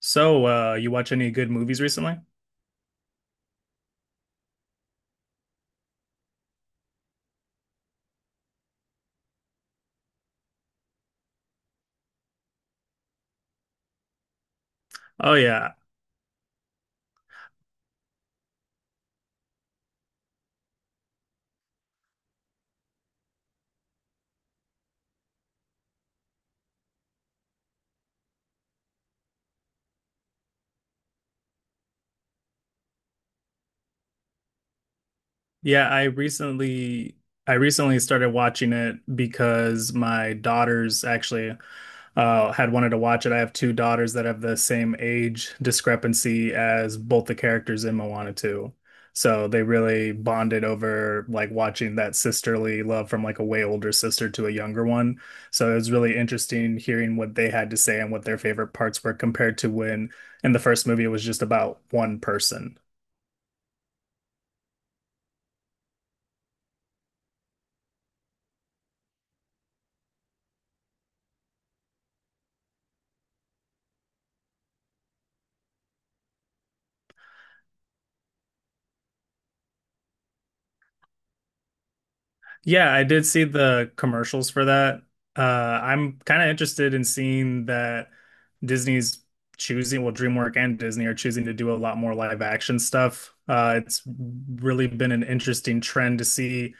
So, you watch any good movies recently? Oh yeah. Yeah, I recently I recently started watching it because my daughter's actually had wanted to watch it. I have two daughters that have the same age discrepancy as both the characters in Moana 2. So they really bonded over like watching that sisterly love from like a way older sister to a younger one. So it was really interesting hearing what they had to say and what their favorite parts were compared to when in the first movie it was just about one person. Yeah, I did see the commercials for that. I'm kind of interested in seeing that Disney's choosing, well, DreamWorks and Disney are choosing to do a lot more live action stuff. It's really been an interesting trend to see,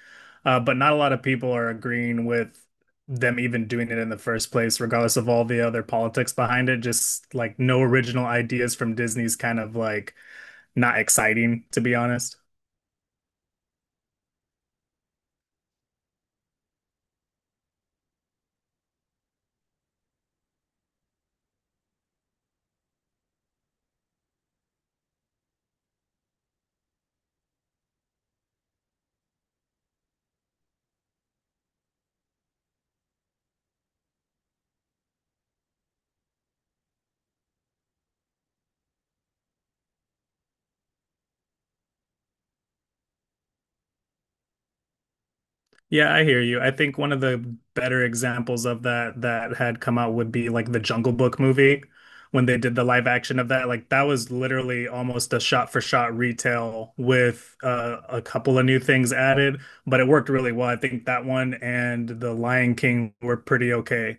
but not a lot of people are agreeing with them even doing it in the first place, regardless of all the other politics behind it. Just like no original ideas from Disney's kind of like not exciting, to be honest. Yeah, I hear you. I think one of the better examples of that that had come out would be like the Jungle Book movie when they did the live action of that. Like that was literally almost a shot for shot retell with a couple of new things added, but it worked really well. I think that one and The Lion King were pretty okay.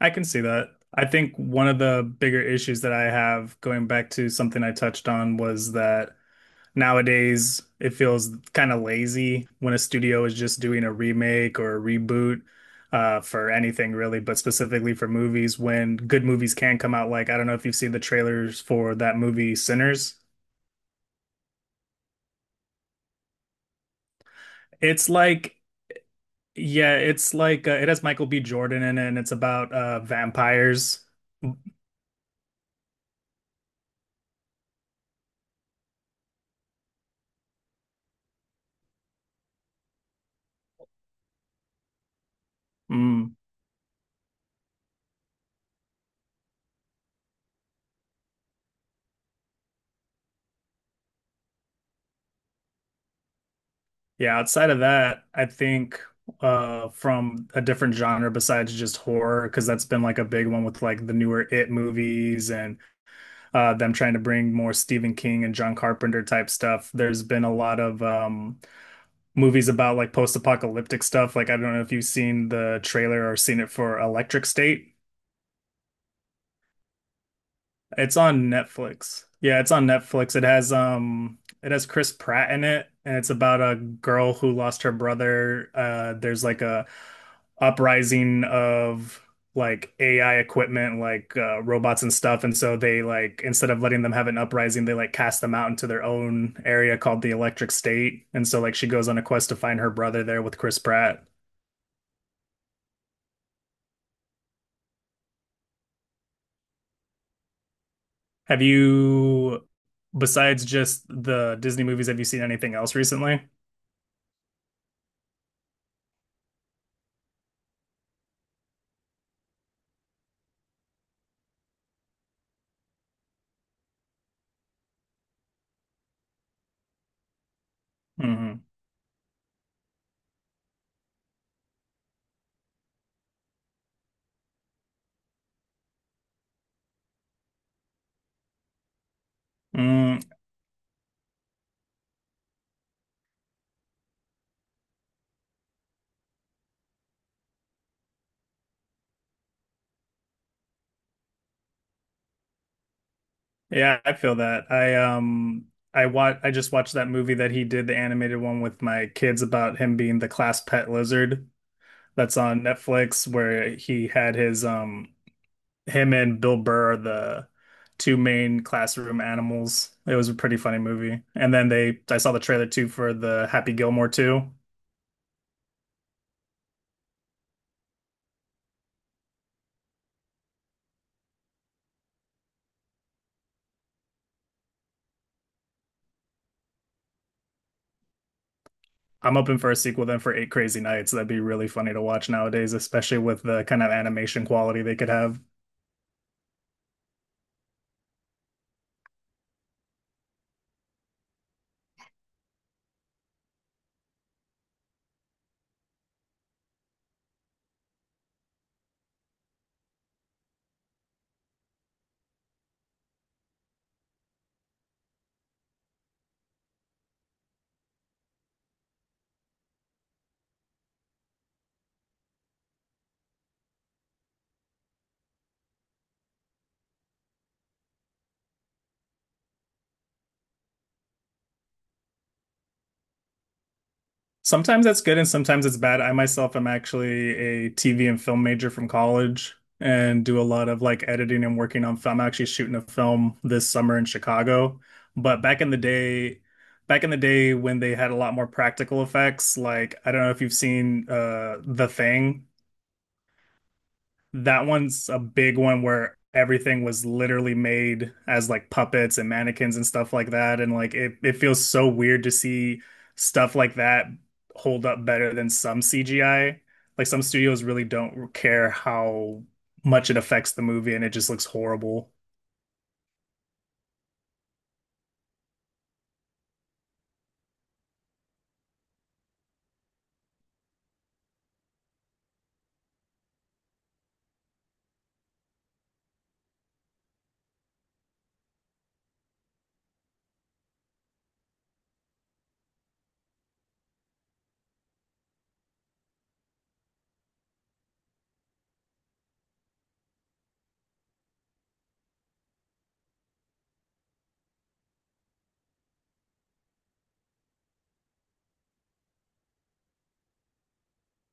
I can see that. I think one of the bigger issues that I have going back to something I touched on was that. Nowadays, it feels kind of lazy when a studio is just doing a remake or a reboot for anything really, but specifically for movies when good movies can come out. Like, I don't know if you've seen the trailers for that movie Sinners. It's like, yeah, it's like it has Michael B. Jordan in it, and it's about vampires. Mm, yeah, outside of that, I think from a different genre besides just horror, because that's been like a big one with like the newer It movies and them trying to bring more Stephen King and John Carpenter type stuff. There's been a lot of movies about like post-apocalyptic stuff. Like I don't know if you've seen the trailer or seen it for Electric State. It's on Netflix. Yeah, it's on Netflix. It has Chris Pratt in it and it's about a girl who lost her brother. There's like a uprising of like AI equipment like robots and stuff and so they like instead of letting them have an uprising they like cast them out into their own area called the Electric State and so like she goes on a quest to find her brother there with Chris Pratt. Have you Besides just the Disney movies have you seen anything else recently? Mhm. Mm, yeah, I feel that. I wa I just watched that movie that he did, the animated one with my kids about him being the class pet lizard that's on Netflix where he had his him and Bill Burr are the two main classroom animals. It was a pretty funny movie. And then they I saw the trailer too for the Happy Gilmore 2. I'm hoping for a sequel then for Eight Crazy Nights. That'd be really funny to watch nowadays, especially with the kind of animation quality they could have. Sometimes that's good and sometimes it's bad. I myself am actually a TV and film major from college and do a lot of like editing and working on film. I'm actually shooting a film this summer in Chicago. But back in the day, when they had a lot more practical effects, like I don't know if you've seen The Thing. That one's a big one where everything was literally made as like puppets and mannequins and stuff like that. And like it feels so weird to see stuff like that hold up better than some CGI. Like some studios really don't care how much it affects the movie and it just looks horrible.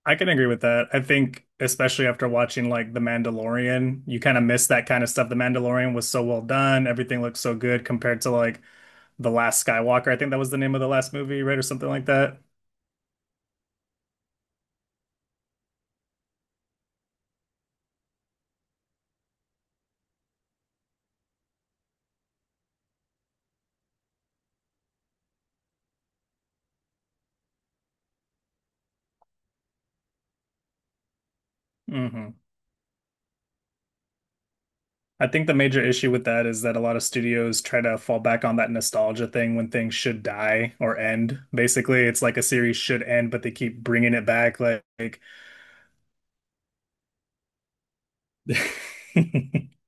I can agree with that. I think especially after watching like The Mandalorian, you kind of miss that kind of stuff. The Mandalorian was so well done, everything looked so good compared to like The Last Skywalker, I think that was the name of the last movie, right? Or something like that. hmm I think the major issue with that is that a lot of studios try to fall back on that nostalgia thing when things should die or end. Basically, it's like a series should end, but they keep bringing it back. Like,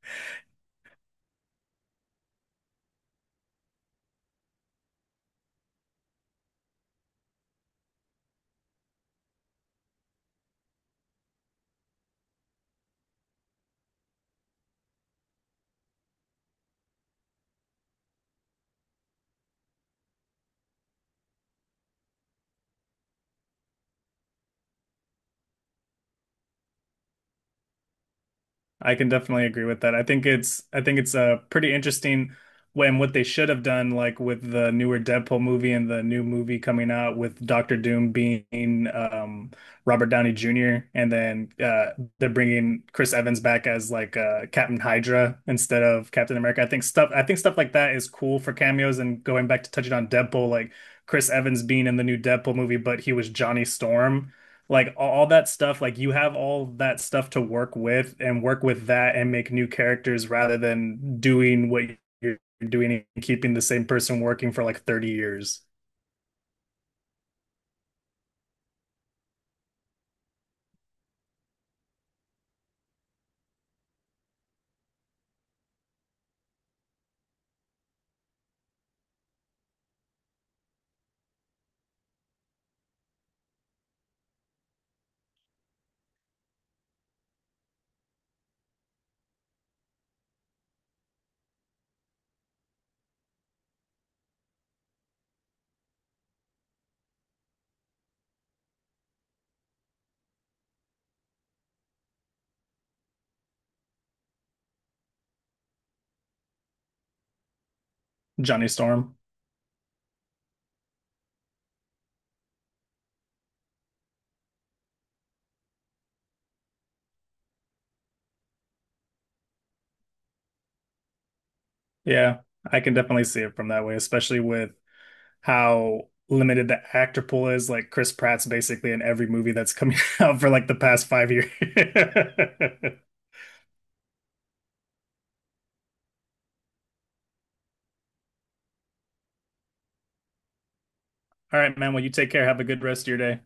I can definitely agree with that. I think it's pretty interesting when what they should have done, like with the newer Deadpool movie and the new movie coming out with Doctor Doom being Robert Downey Jr. and then they're bringing Chris Evans back as like Captain Hydra instead of Captain America. I think stuff like that is cool for cameos and going back to touching on Deadpool, like Chris Evans being in the new Deadpool movie, but he was Johnny Storm like all, that stuff like you have all that stuff to work with and work with that and make new characters rather than doing what you're doing and keeping the same person working for like 30 years. Johnny Storm, yeah, I can definitely see it from that way, especially with how limited the actor pool is. Like Chris Pratt's basically in every movie that's coming out for like the past 5 years. All right, man, well, you take care, have a good rest of your day.